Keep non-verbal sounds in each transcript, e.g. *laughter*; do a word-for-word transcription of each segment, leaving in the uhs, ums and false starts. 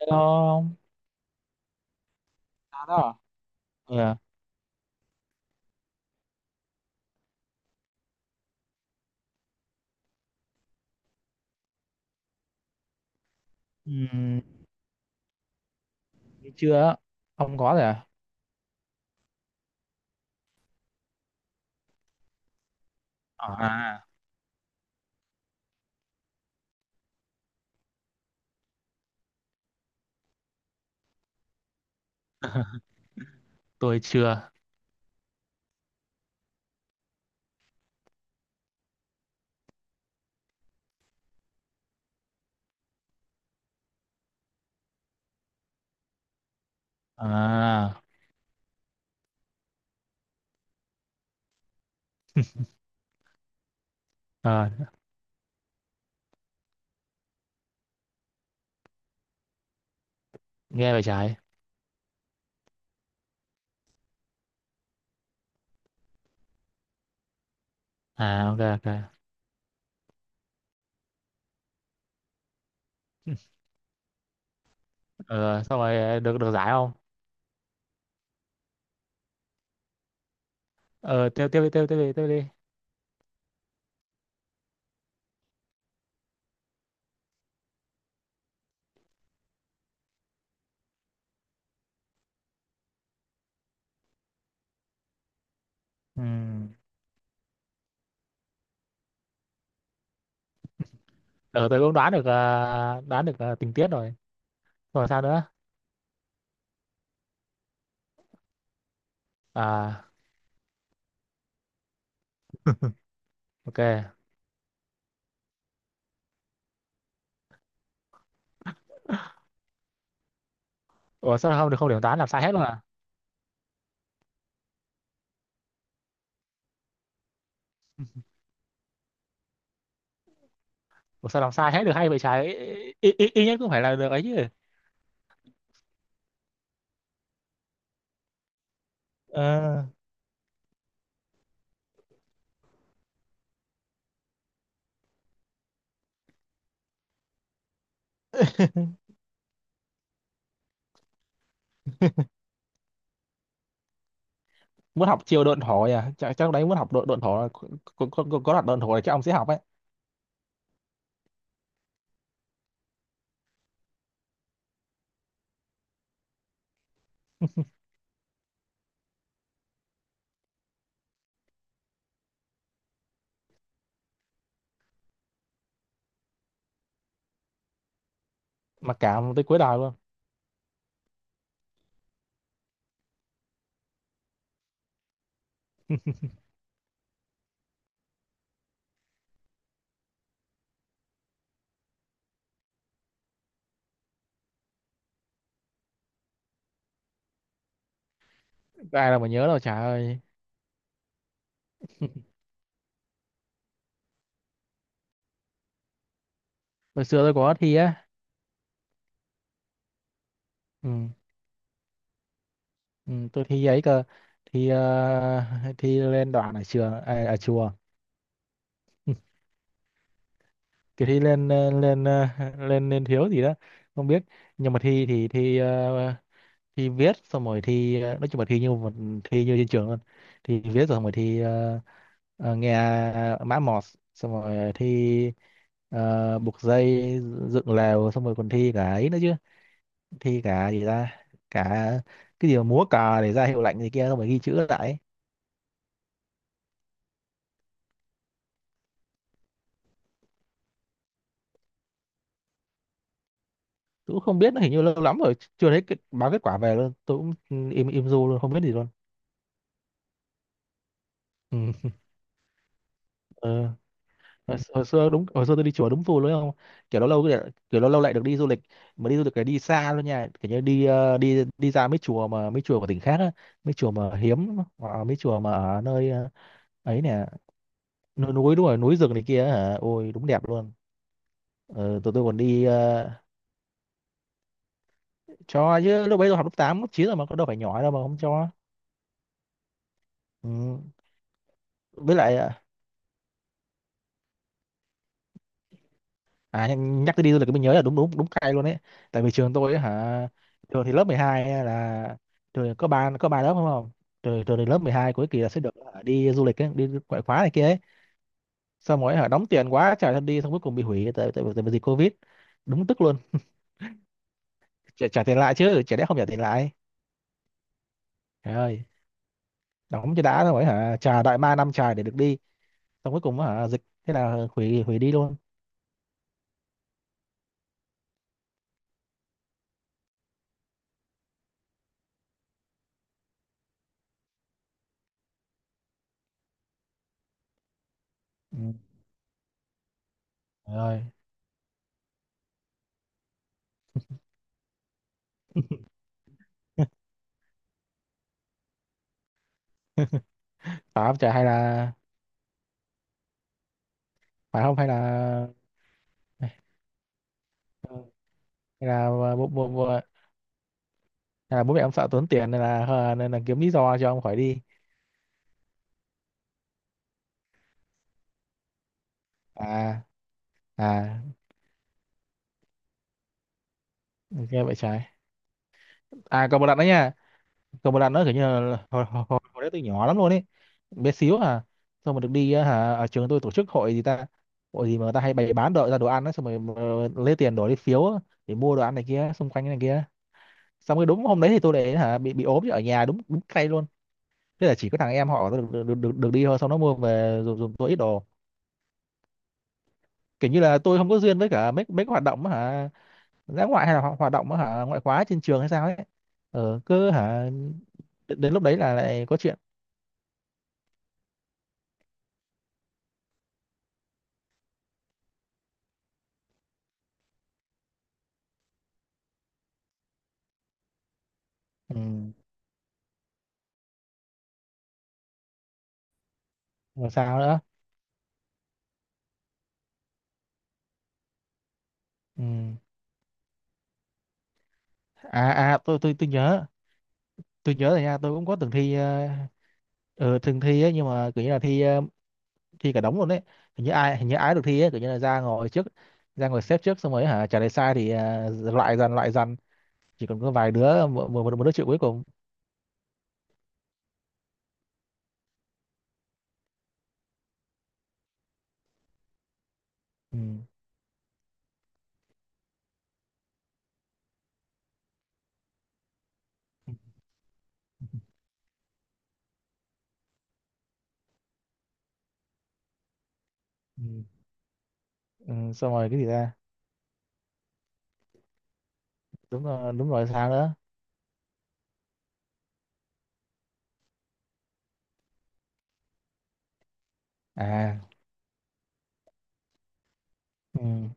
Hello ông. À, đó. Ừ. À? Ừ. Ừm, chưa á. Ông có rồi à? À, tôi chưa. À, ờ, nghe về trái. À, ok ok. ờ, Xong rồi, ờ, được được giải không? ờ Tiếp tiếp đi tiếp tiếp đi tiếp đi. Ừm, ờ tôi cũng đoán được, ờ, đoán được, ờ, tình tiết rồi. Rồi sao nữa? À, ok. Ủa sao không được, không điểm toán, làm sai hết luôn à? Ủa sao làm sai hết được hay vậy trái? Ít ít ít nhất cũng phải là được ấy chứ. Ờ. Muốn học chiêu độn thổ nhỉ, chắc chắc đấy muốn học độn độn thổ là có. Có, có, có đoạn độn thổ này chắc ông sẽ học ấy. Mà cả tới cuối đời luôn. Ai là mà nhớ đâu trời ơi. Hồi xưa tôi có thi á. Ừ, ừ, tôi thi ấy cơ. thi ờ, *laughs* Thi lên đoạn ở trường, à, ở chùa. Thì thi lên ờ, lên, ờ, lên lên thiếu gì đó. Không biết. Nhưng mà thi thì thi, ờ, thi viết xong rồi thi, ờ, nói chung là thi như một, thi như trên trường luôn. Thi viết rồi xong rồi thi, ờ, ờ, nghe, ờ, mã mọt, xong rồi thi, ờ, buộc dây, dựng lều xong rồi còn thi cả ấy nữa chứ. Thi cả gì ra? Cả. Cái gì mà múa cờ để ra hiệu lệnh gì kia xong rồi ghi chữ lại ấy. Tôi cũng không biết, nó hình như lâu lắm rồi chưa thấy cái báo kết quả về luôn, tôi cũng im im du luôn không biết gì luôn. Ừ. Ờ. hồi, hồi xưa đúng hồi xưa tôi đi chùa đúng phù luôn không. Kiểu lâu lâu cứ- kiểu lâu lâu lại được đi du lịch. Mà đi du lịch cái đi xa luôn nha, kiểu như đi ờ, đi đi ra mấy chùa mà mấy chùa của tỉnh khác á. Mấy chùa mà hiếm hoặc là mấy chùa mà ở nơi, ờ, ấy nè. Núi núi đúng rồi núi rừng này kia hả, ôi đúng đẹp luôn. Ờ, tụi tôi còn đi, ờ, cho chứ lúc bấy tôi học lớp tám lớp chín rồi mà, có đâu phải nhỏ đâu mà không cho. Ừ. Với lại, ờ, à, nhắc nhắc tới đi du lịch cái mình nhớ là đúng đúng đúng cay luôn đấy. Tại vì trường tôi ấy, hả, trường thì lớp mười hai ấy là trường có ba có ba lớp đúng không? Trường trường thì lớp mười hai cuối kỳ là sẽ được, hả, đi du lịch ấy, đi ngoại khóa này kia ấy. Xong rồi, hả, đóng tiền quá trả thân đi xong cuối cùng bị hủy tại tại, tại vì dịch Covid. Đúng tức luôn. Trả, trả tiền lại chứ, chả lẽ không trả tiền lại. Trời ơi, đóng cho đã rồi, hả, trả đại ma năm trời để được đi. Xong cuối cùng hả dịch thế là hủy hủy đi luôn. Ừ, trời ơi. *laughs* Phải không trời hay là, phải không hay là, hay là à, bộ, bộ, bộ, à, bố mẹ ông sợ tốn tiền nên là hờ, nên là kiếm lý do cho ông khỏi đi. À. À. Nghe vậy trái. À, còn một lần nữa nha. Còn một lần nữa kiểu như là hồi, hồi, hồi, hồi đấy tôi nhỏ lắm luôn ấy. Bé xíu à. Xong mà được đi á, hả ở trường tôi tổ chức hội gì ta. Hội gì mà người ta hay bày bán đồ ra đồ ăn á xong rồi mà lấy tiền đổi đi phiếu á, để mua đồ ăn này kia xung quanh này kia. Xong rồi đúng hôm đấy thì tôi để hả bị bị ốm chứ ở nhà đúng đúng cay luôn. Thế là chỉ có thằng em họ tôi được được, được, được đi thôi xong nó mua về dùng, dùng tôi ít đồ. Kiểu như là tôi không có duyên với cả mấy mấy cái hoạt động á hả, dã ngoại hay là ho- hoạt động á hả ngoại khóa trên trường hay sao ấy. Ở cứ hả. Đến, đến lúc đấy là lại có chuyện. Ừ. Rồi sao nữa? Ừ. À, à, tôi tôi tôi nhớ. Tôi nhớ rồi nha, tôi cũng có từng thi, ờ ừ, từng thi ấy nhưng mà kiểu như là thi, ờ, thi cả đống luôn đấy. Hình như ai hình như ai được thi ấy kiểu như là ra ngồi trước, ra ngồi xếp trước xong rồi hả trả lời sai thì, ờ, loại dần loại dần. Chỉ còn có vài đứa, một, một, một đứa chịu cuối cùng. Ừ. Ừ. Ừ. Xong rồi cái gì ra? Đúng rồi, đúng rồi sao nữa? À. Ừ.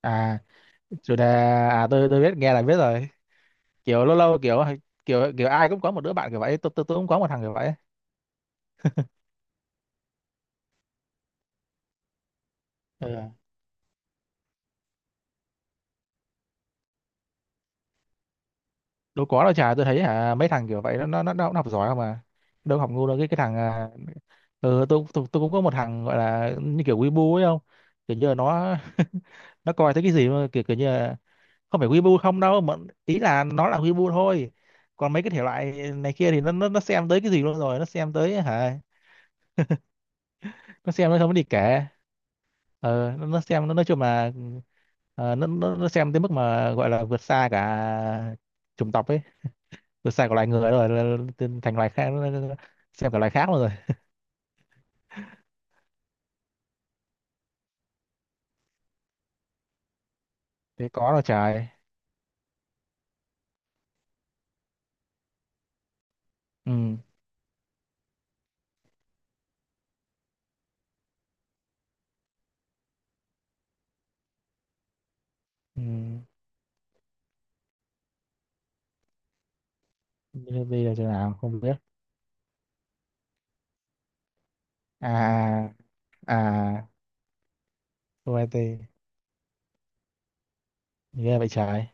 À, chủ đề. À, tôi tôi biết, nghe là biết rồi. Kiểu lâu lâu kiểu, kiểu kiểu ai cũng có một đứa bạn kiểu vậy, tôi tôi, tôi cũng có một thằng kiểu vậy. Ừ. Đâu có đâu, chả tôi thấy hả mấy thằng kiểu vậy nó nó nó, nó cũng học giỏi không à. Đâu học ngu đâu, cái cái thằng, à, ừ, tôi, tôi tôi cũng có một thằng gọi là như kiểu Weibo ấy không. Kiểu như là nó *laughs* nó coi thấy cái gì mà kiểu kiểu như là không phải Weibo không đâu mà, ý là nó là Weibo thôi. Còn mấy cái thể loại này kia thì nó nó nó xem tới cái gì luôn rồi nó xem tới hả, nó xem nó không có đi kể. ờ, nó, nó xem nó nói chung là, ờ, nó, nó nó xem tới mức mà gọi là vượt xa cả chủng tộc ấy, vượt xa cả loài người rồi nó- nó- nó thành loài khác, nó, nó, nó xem cả loài khác luôn rồi. Thế có đâu trời. Ừ, ừ. Bây bây giờ chỗ nào không biết. À. À. o i tê. Ghê vậy trời.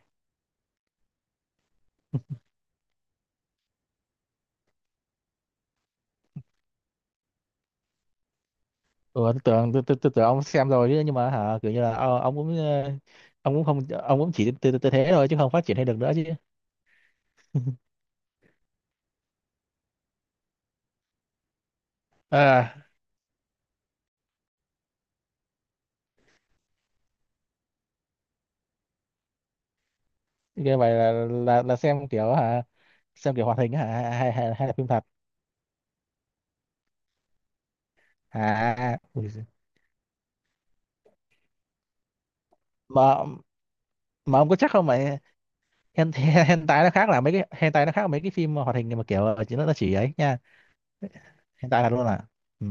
Ừ, tôi tưởng, tôi, tôi, tôi tưởng ông xem rồi chứ, nhưng mà hả kiểu như là, ờ, ông cũng, ờ, ông cũng không ông cũng chỉ tới, tới, tới thế thôi chứ không phát triển hay được nữa chứ. À. Ghê vậy là là, là xem kiểu hả, xem kiểu hoạt hình hả, hay, hay, hay là phim thật. À, ui giời. mà mà ông có chắc không mà, hen hen, hentai *laughs* nó khác, là mấy cái hentai nó khác mấy cái phim hoạt hình mà kiểu, ờ, chỉ nó nó chỉ ấy nha. Hentai thật luôn à. Ừ.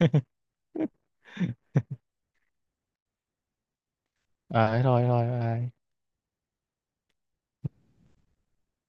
*laughs* À thế thôi thôi bye.